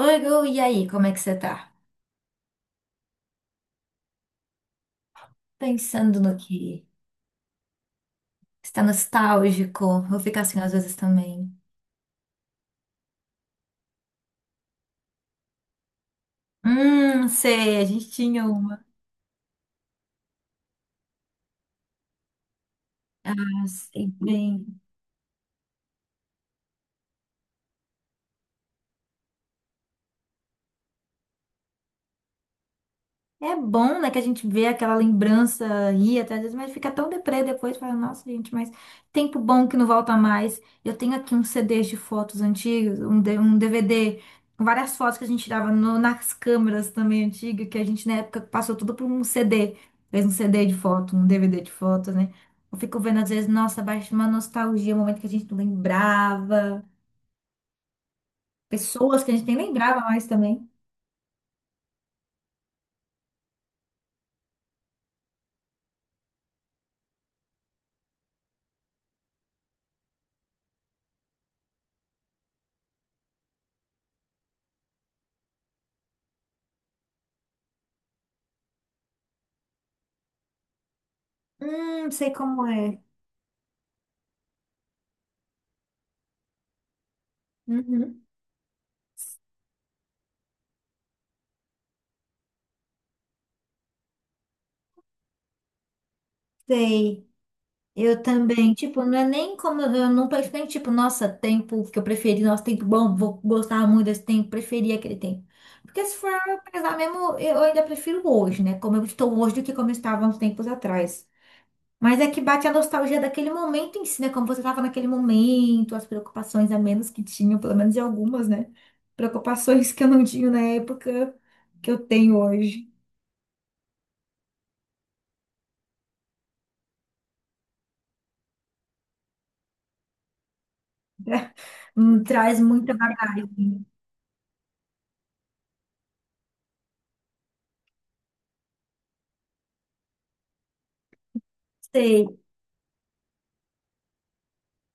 Oi, Gu, e aí, como é que você tá? Pensando no que está nostálgico, eu fico assim às vezes também. Sei, a gente tinha umas, sei bem. É bom, né, que a gente vê aquela lembrança aí, até às vezes, mas fica tão deprê depois, fala, nossa, gente, mas tempo bom que não volta mais. Eu tenho aqui uns CDs de fotos antigas, um DVD, com várias fotos que a gente tirava nas câmeras também antigas, que a gente na época passou tudo por um CD, fez um CD de foto, um DVD de foto, né? Eu fico vendo às vezes, nossa, baixa uma nostalgia, um momento que a gente não lembrava, pessoas que a gente nem lembrava mais também. Sei como é. Uhum, sei. Eu também, tipo, não é nem como eu não penso nem tipo, nossa, tempo que eu preferi, nossa, tempo bom, vou gostar muito desse tempo, preferi aquele tempo. Porque se for pesar mesmo, eu ainda prefiro hoje, né? Como eu estou hoje do que como eu estava uns tempos atrás. Mas é que bate a nostalgia daquele momento em si, né? Como você estava naquele momento, as preocupações a menos que tinham, pelo menos de algumas, né? Preocupações que eu não tinha na época que eu tenho hoje. Traz muita bagagem. Sei.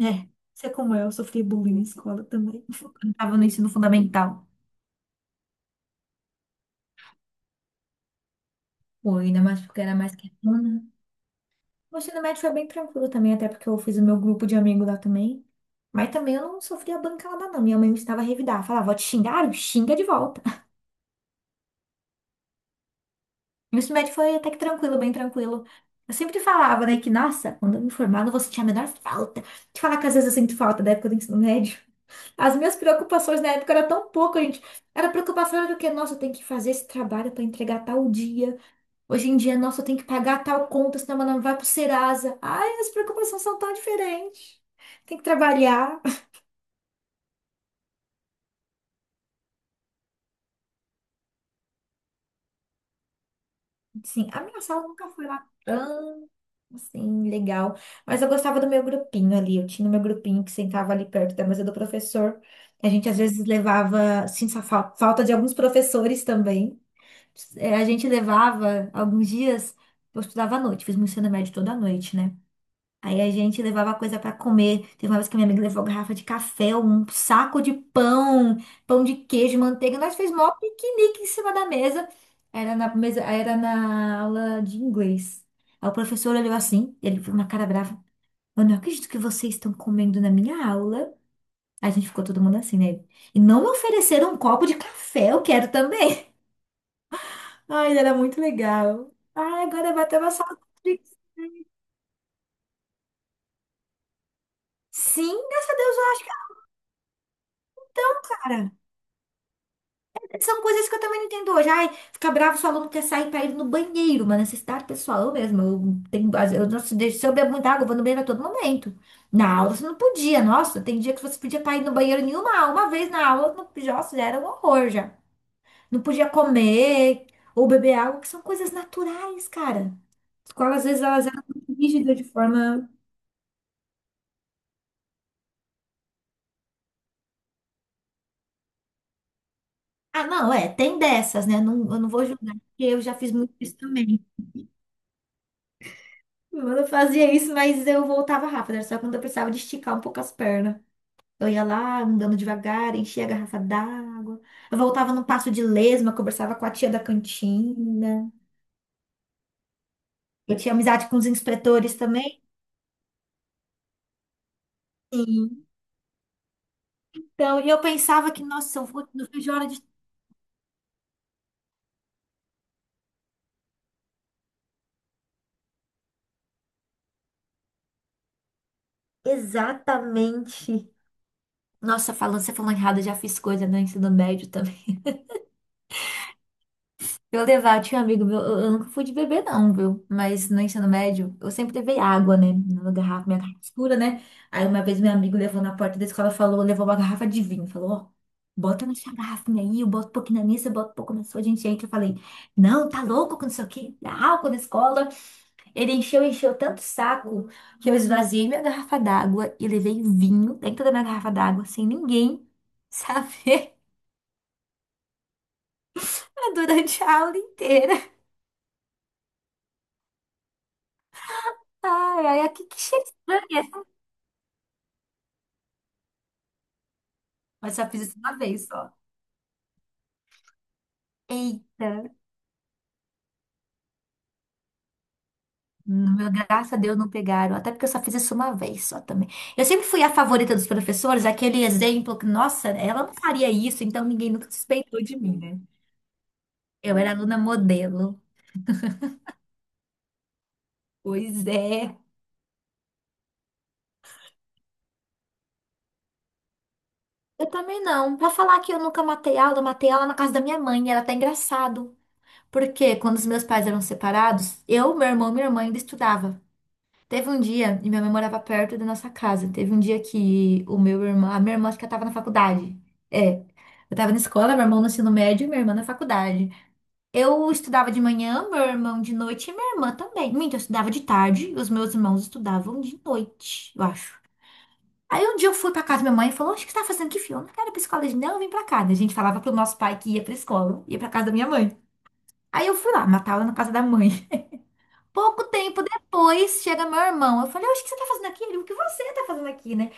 É, você como é, sofri bullying na escola também. Quando tava no ensino fundamental. Pô, ainda mais porque era mais quietona. O ensino médio foi bem tranquilo também, até porque eu fiz o meu grupo de amigos lá também. Mas também eu não sofria bancada, não. Minha mãe me estava a revidar. Falava, vou te xingar, xinga de volta. Meu ensino médio foi até que tranquilo, bem tranquilo. Eu sempre falava, né, que, nossa, quando eu me formar, eu não vou sentir a menor falta. Te falar que às vezes eu sinto falta da época do ensino médio. As minhas preocupações na época eram tão pouco, gente. Era preocupação do que, nossa, eu tenho que fazer esse trabalho para entregar tal dia. Hoje em dia, nossa, eu tenho que pagar tal conta, senão meu nome vai pro Serasa. Ai, as preocupações são tão diferentes. Tem que trabalhar. Sim, a minha sala nunca foi lá. Sim, legal. Mas eu gostava do meu grupinho ali. Eu tinha o meu grupinho que sentava ali perto da mesa do professor. A gente às vezes levava, sim, só falta de alguns professores também. É, a gente levava alguns dias, eu estudava à noite, fiz meu ensino médio toda noite, né? Aí a gente levava coisa pra comer. Teve uma vez que minha amiga levou garrafa de café, um saco de pão, pão de queijo, manteiga. Nós fez mó piquenique em cima da mesa. Era na mesa, era na aula de inglês. Aí o professor olhou assim, ele foi com uma cara brava. Eu não acredito que vocês estão comendo na minha aula. A gente ficou todo mundo assim, né? E não me ofereceram um copo de café, eu quero também. Ai, era muito legal. Ai, agora bateu uma saudade. Sim, graças a Deus, eu acho, cara. São coisas que eu também não entendo hoje. Ai, fica bravo se o aluno quer sair para ir no banheiro, uma necessidade pessoal. Eu mesmo, eu tenho, não se eu bebo muita água, eu vou no banheiro a todo momento. Na aula você não podia, nossa, tem dia que você podia para ir no banheiro nenhuma aula. Uma vez na aula, no, nossa, já era um horror já. Não podia comer ou beber água, que são coisas naturais, cara. Escola, às vezes, elas eram muito rígidas de forma. Ah, não, é, tem dessas, né? Não, eu não vou julgar, porque eu já fiz muito isso também. Eu fazia isso, mas eu voltava rápido, era só quando eu precisava de esticar um pouco as pernas. Eu ia lá, andando devagar, enchia a garrafa d'água. Eu voltava num passo de lesma, conversava com a tia da cantina. Eu tinha amizade com os inspetores também. Sim. Então, e eu pensava que, nossa, eu vou no fim de hora de... Exatamente. Nossa, falando, você falou errado, eu já fiz coisa no ensino médio também. Eu levar, tinha um amigo meu, eu nunca fui de beber não, viu? Mas no ensino médio, eu sempre levei água, né? Na garrafa, minha garrafa escura, né? Aí uma vez meu amigo levou na porta da escola, falou, levou uma garrafa de vinho, falou, ó, bota na sua garrafinha aí, eu boto um pouquinho na minha, você bota um pouco na sua, a gente entra. Eu falei, não, tá louco, que não sei o quê, dá álcool na escola. Ele encheu tanto o saco, que eu esvaziei minha garrafa d'água e levei vinho dentro da minha garrafa d'água, sem ninguém saber, durante a aula inteira. Ai, ai, que cheiro estranho. Mas só fiz isso uma vez só. Eita, no meu, graças a Deus não pegaram. Até porque eu só fiz isso uma vez só também. Eu sempre fui a favorita dos professores, aquele exemplo que, nossa, ela não faria isso, então ninguém nunca suspeitou de mim, né? Eu era aluna modelo. Pois é. Eu também não. Pra falar que eu nunca matei aula, eu matei aula na casa da minha mãe. Era até engraçado. Porque quando os meus pais eram separados, eu, meu irmão e minha irmã ainda estudavam. Teve um dia, e minha mãe morava perto da nossa casa. Teve um dia que o meu irmão, a minha irmã acho que estava na faculdade. É, eu tava na escola, meu irmão no ensino médio e minha irmã na faculdade. Eu estudava de manhã, meu irmão de noite e minha irmã também. Minto, eu estudava de tarde, e os meus irmãos estudavam de noite, eu acho. Aí um dia eu fui pra casa da minha mãe e falou: "Oxe, o que você tá fazendo aqui, filho? Eu não quero ir pra escola hoje, não, eu vim pra cá." Daí a gente falava pro nosso pai que ia pra escola, ia pra casa da minha mãe. Aí eu fui lá, matava na casa da mãe. Pouco tempo depois chega meu irmão. Eu falei, "Oxe, o que você tá fazendo aqui?" Ele, o que você tá fazendo aqui, né?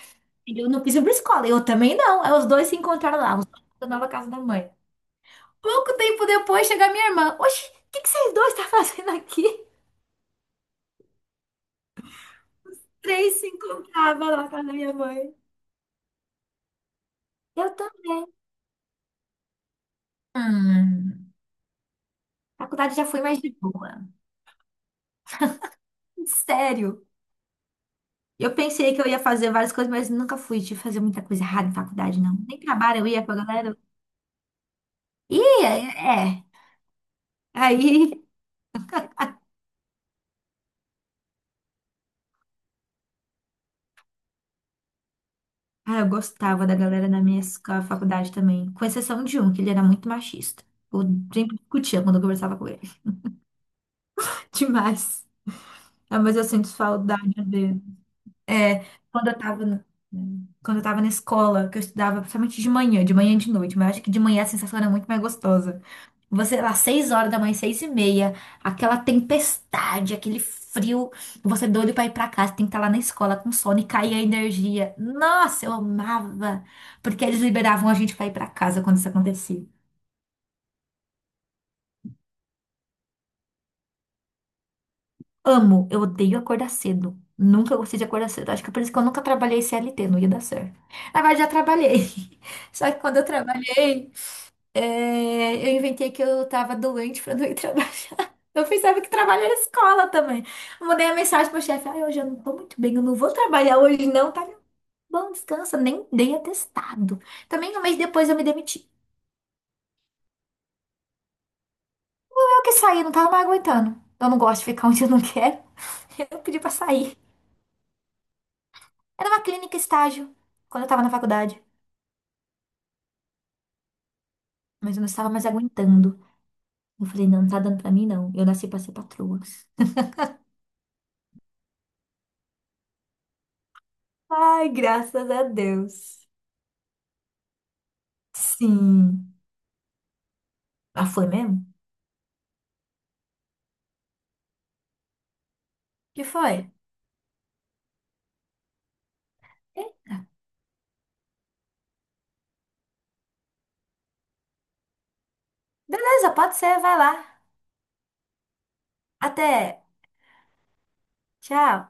Ele, eu não quis ir pra escola. Eu também não. Aí os dois se encontraram lá, os dois na nova casa da mãe. Pouco tempo depois chega minha irmã. Oxi, o que que vocês dois tá fazendo aqui? Três se encontravam lá na casa da minha mãe. Eu também. Hum, faculdade já foi mais de boa. Sério. Eu pensei que eu ia fazer várias coisas, mas nunca fui de fazer muita coisa errada em faculdade, não. Nem trabalho eu ia com a galera. E é. É. Aí ah, eu gostava da galera na minha faculdade também, com exceção de um, que ele era muito machista. Eu sempre discutia quando eu conversava com ele. Demais. Ah, mas eu sinto saudade dele. É, quando eu tava, na- quando eu tava na escola, que eu estudava principalmente de manhã e de noite, mas eu acho que de manhã a sensação era muito mais gostosa. Você lá, 6 horas da manhã, 6 e meia, aquela tempestade, aquele frio, você é doido pra ir pra casa, tem que estar lá na escola com sono e cair a energia. Nossa, eu amava! Porque eles liberavam a gente pra ir pra casa quando isso acontecia. Amo, eu odeio acordar cedo. Nunca gostei de acordar cedo. Acho que é por isso que eu nunca trabalhei CLT, não ia dar certo. Na verdade, já trabalhei. Só que quando eu trabalhei, é, eu inventei que eu tava doente pra não ir trabalhar. Eu pensava que trabalho era escola também. Eu mandei a mensagem pro chefe: ai, hoje eu não tô muito bem, eu não vou trabalhar hoje, não. Tá bom, descansa, nem dei atestado. Também 1 mês depois eu me demiti. Eu que saí, não tava mais aguentando. Eu não gosto de ficar onde eu não quero. Eu pedi pra sair. Era uma clínica estágio, quando eu tava na faculdade, mas eu não estava mais aguentando. Eu falei: não, não tá dando pra mim, não. Eu nasci pra ser patroa. Ai, graças a Deus. Sim. Ah, foi mesmo? Que foi? Beleza, pode ser, vai lá. Até. Tchau.